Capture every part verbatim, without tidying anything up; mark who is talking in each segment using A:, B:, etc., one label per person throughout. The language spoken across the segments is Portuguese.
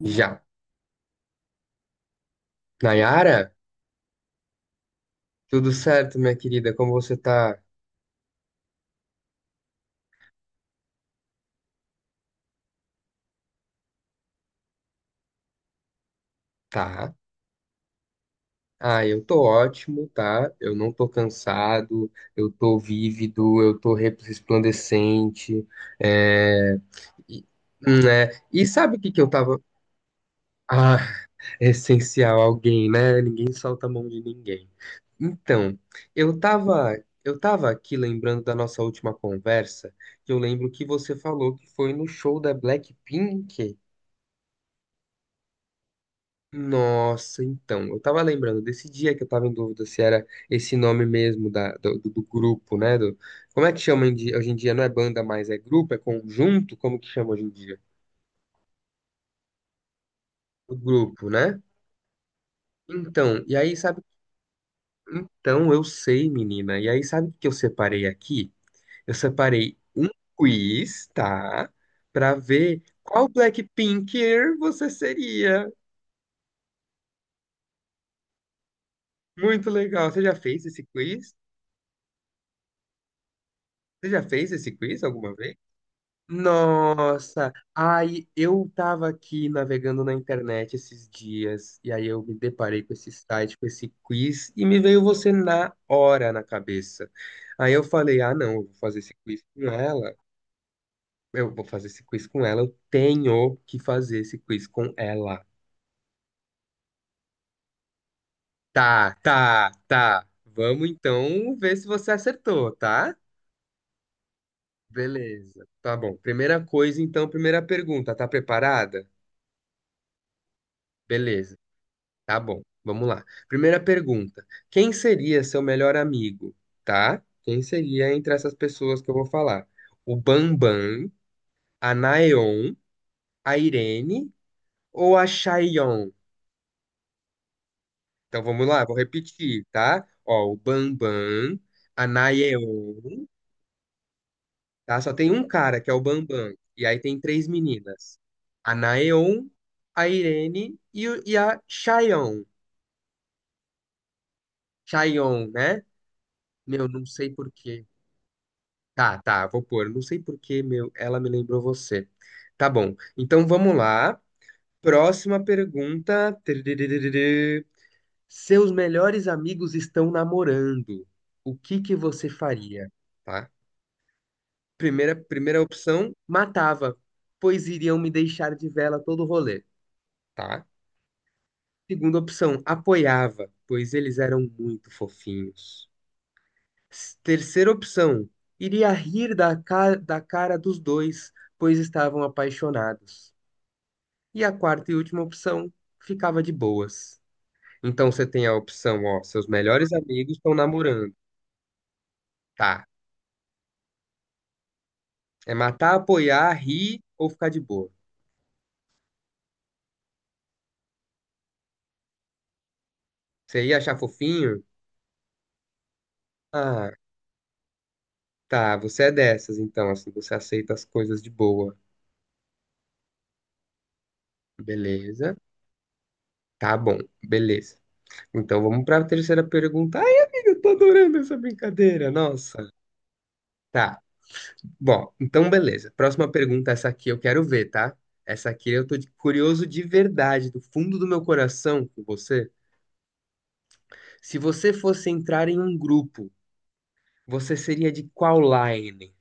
A: Já. Nayara, tudo certo, minha querida? Como você tá? Tá. Ah, eu tô ótimo, tá? Eu não tô cansado, eu tô vívido, eu tô re- resplandecente, é... E, né? E sabe o que que eu tava... Ah, é essencial alguém, né? Ninguém solta a mão de ninguém. Então, eu tava... Eu tava aqui lembrando da nossa última conversa, que eu lembro que você falou que foi no show da Blackpink. Nossa, então, eu tava lembrando desse dia que eu tava em dúvida se era esse nome mesmo da, do, do- do grupo, né? Do, como é que chama em di- hoje em dia? Não é banda mais, é grupo, é conjunto? Como que chama hoje em dia? O grupo, né? Então, e aí sabe? Então, eu sei, menina. E aí sabe o que eu separei aqui? Eu separei um quiz, tá? Pra ver qual Blackpinker você seria. Muito legal. Você já fez esse quiz? Você já fez esse quiz alguma vez? Nossa, aí eu tava aqui navegando na internet esses dias e aí eu me deparei com esse site, com esse quiz e me veio você na hora na cabeça. Aí eu falei: "Ah, não, eu vou fazer esse quiz com ela. Eu vou fazer esse quiz com ela, eu tenho que fazer esse quiz com ela." Tá, tá, tá. Vamos então ver se você acertou, tá? Beleza. Tá bom. Primeira coisa, então, primeira pergunta, tá preparada? Beleza. Tá bom, vamos lá. Primeira pergunta: quem seria seu melhor amigo? Tá? Quem seria entre essas pessoas que eu vou falar? O Bambam, a Naeon, a Irene ou a Chaeyoung? Então vamos lá, vou repetir, tá? Ó, o Bambam, a Naeon, tá? Só tem um cara que é o Bambam, e aí tem três meninas: a Naeon, a Irene e, o- e a Chaeyoung. Chaeyoung, né? Meu, não sei porquê. Tá, tá, vou pôr. Não sei por que, meu, ela me lembrou você. Tá bom. Então vamos lá. Próxima pergunta. Tiriririririr. Seus melhores amigos estão namorando. O que que você faria? Tá? Primeira, primeira opção, matava, pois iriam me deixar de vela todo o rolê, tá? Segunda opção, apoiava, pois eles eram muito fofinhos. S- Terceira opção, iria rir da, ca- da cara dos dois, pois estavam apaixonados. E a quarta e última opção, ficava de boas. Então você tem a opção, ó, seus melhores amigos estão namorando. Tá. É matar, apoiar, rir ou ficar de boa. Você ia achar fofinho? Ah, tá, você é dessas, então, assim, você aceita as coisas de boa. Beleza. Tá bom, beleza. Então vamos para a terceira pergunta. Ai, amiga, eu tô adorando essa brincadeira. Nossa. Tá. Bom, então beleza. Próxima pergunta, essa aqui eu quero ver, tá? Essa aqui eu tô de- curioso de verdade, do fundo do meu coração com você. Se você fosse entrar em um grupo, você seria de qual line?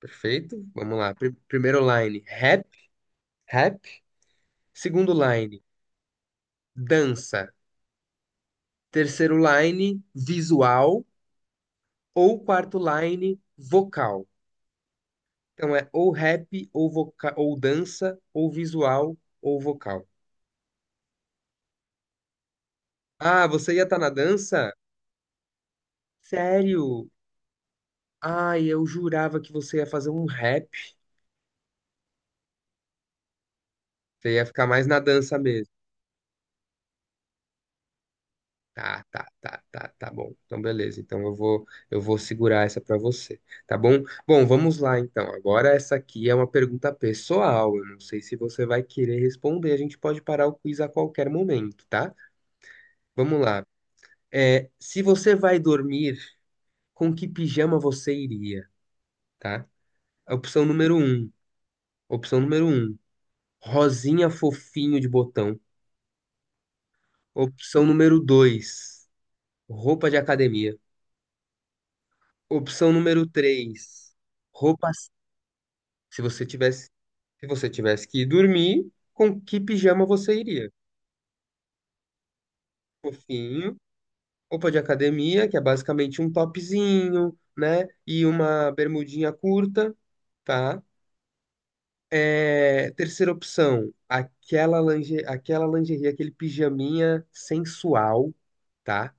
A: Perfeito? Vamos lá. Pri- primeiro line, rap, rap. Segundo line, dança. Terceiro line, visual. Ou quarto line, vocal. Então é ou rap, ou voca- ou dança, ou visual, ou vocal. Ah, você ia estar na dança? Sério? Ai, eu jurava que você ia fazer um rap. Você ia ficar mais na dança mesmo. Tá, tá, tá, tá, tá bom. Então, beleza. Então, eu vou, eu vou segurar essa pra você, tá bom? Bom, vamos lá então. Agora essa aqui é uma pergunta pessoal. Eu não sei se você vai querer responder. A gente pode parar o quiz a qualquer momento, tá? Vamos lá. É, se você vai dormir, com que pijama você iria, tá? Opção número um. Opção número um. Rosinha fofinho de botão. Opção número dois, roupa de academia. Opção número três, roupas. Se você tivesse, se você tivesse que ir dormir, com que pijama você iria? Fofinho, roupa de academia, que é basicamente um topzinho, né? E uma bermudinha curta, tá? É, terceira opção, aquela lingerie, aquela lingerie, aquele pijaminha sensual, tá?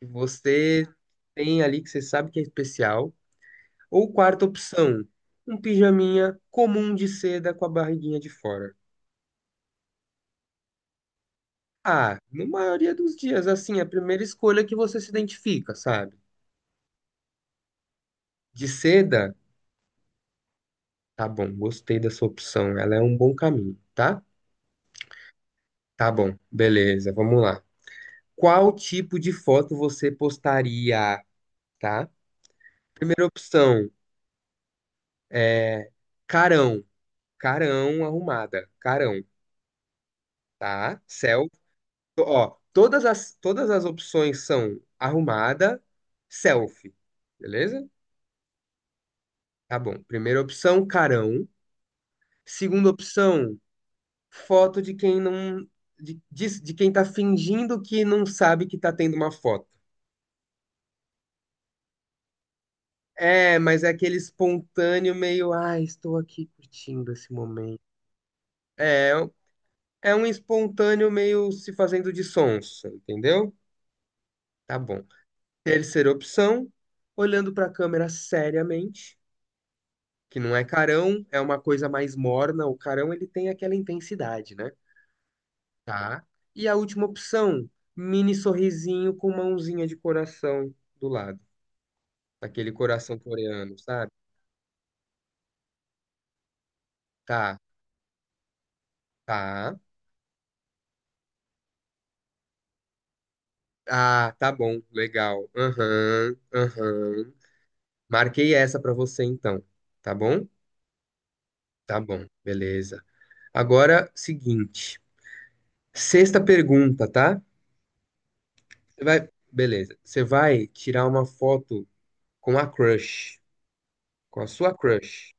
A: Que você tem ali que você sabe que é especial. Ou quarta opção, um pijaminha comum de seda com a barriguinha de fora. Ah, na maioria dos dias, assim, é a primeira escolha que você se identifica, sabe? De seda, tá bom, gostei da sua opção, ela é um bom caminho, tá? Tá bom, beleza, vamos lá. Qual tipo de foto você postaria, tá? Primeira opção é carão, carão arrumada, carão, tá? Selfie. Ó, todas as, todas as opções são arrumada, selfie, beleza? Tá bom. Primeira opção, carão. Segunda opção, foto de quem não. De, de, de quem tá fingindo que não sabe que tá tendo uma foto. É, mas é aquele espontâneo meio, ah, estou aqui curtindo esse momento. É, é um espontâneo meio se fazendo de sonso, entendeu? Tá bom. Terceira opção, olhando pra câmera seriamente, que não é carão, é uma coisa mais morna. O carão ele tem aquela intensidade, né? Tá. E a última opção, mini sorrisinho com mãozinha de coração do lado, aquele coração coreano, sabe? Tá, tá. Ah, tá bom, legal. Aham, aham. Marquei essa pra você então, tá bom? Tá bom, beleza. Agora, seguinte, sexta pergunta, tá? Você vai, beleza. Você vai tirar uma foto com a crush. Com a sua crush.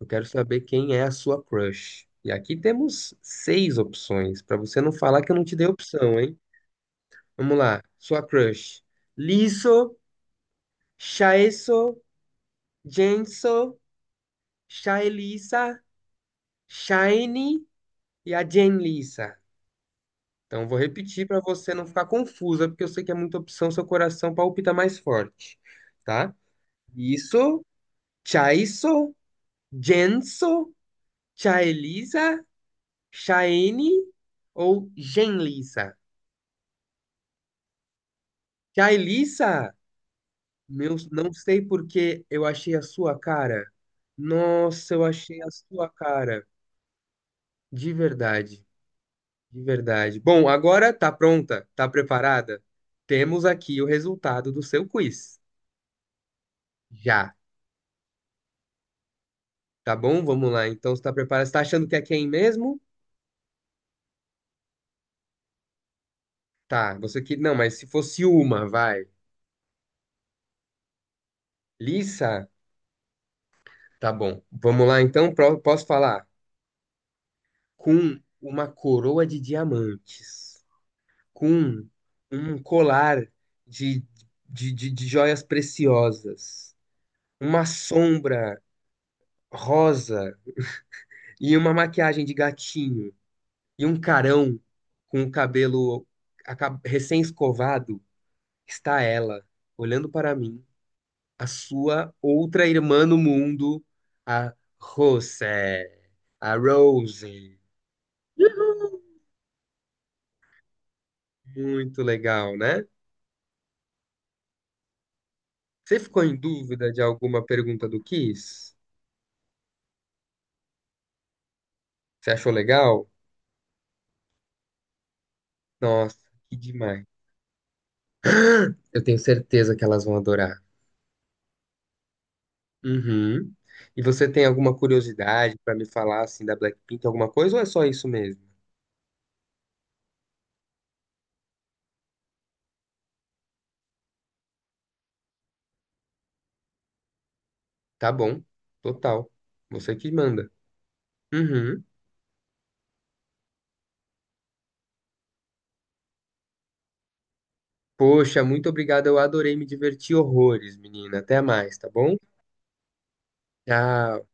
A: Eu quero saber quem é a sua crush. E aqui temos seis opções, para você não falar que eu não te dei opção, hein? Vamos lá. Sua crush. Liso, Shaeso, Jenso, Shaelisa, Shine e a Jenlisa. Então, vou repetir para você não ficar confusa, porque eu sei que é muita opção, seu coração palpita mais forte, tá? Isso, Chaiso, Jenso, Chaelisa, Chaene ou Genlissa? Jailissa, meu, não sei porque eu achei a sua cara. Nossa, eu achei a sua cara. De verdade, de verdade. Bom, agora tá pronta? Tá preparada? Temos aqui o resultado do seu quiz. Já, tá bom? Vamos lá. Então, você tá preparada? Você tá achando que é quem mesmo? Tá, você que... Não, mas se fosse uma, vai. Lissa? Tá bom. Vamos lá, então. Pro- Posso falar? Com uma coroa de diamantes, com um colar de, de, de, de joias preciosas, uma sombra rosa e uma maquiagem de gatinho, e um carão com o cabelo aca- recém-escovado, está ela, olhando para mim, a sua outra irmã no mundo, a Rose, a Rose. Muito legal, né? Você ficou em dúvida de alguma pergunta do Kiss? Você achou legal? Nossa, que demais. Eu tenho certeza que elas vão adorar. Uhum. E você tem alguma curiosidade pra me falar assim da Blackpink, alguma coisa ou é só isso mesmo? Tá bom, total. Você que manda. Uhum. Poxa, muito obrigado. Eu adorei, me diverti horrores, menina. Até mais, tá bom? Tchau.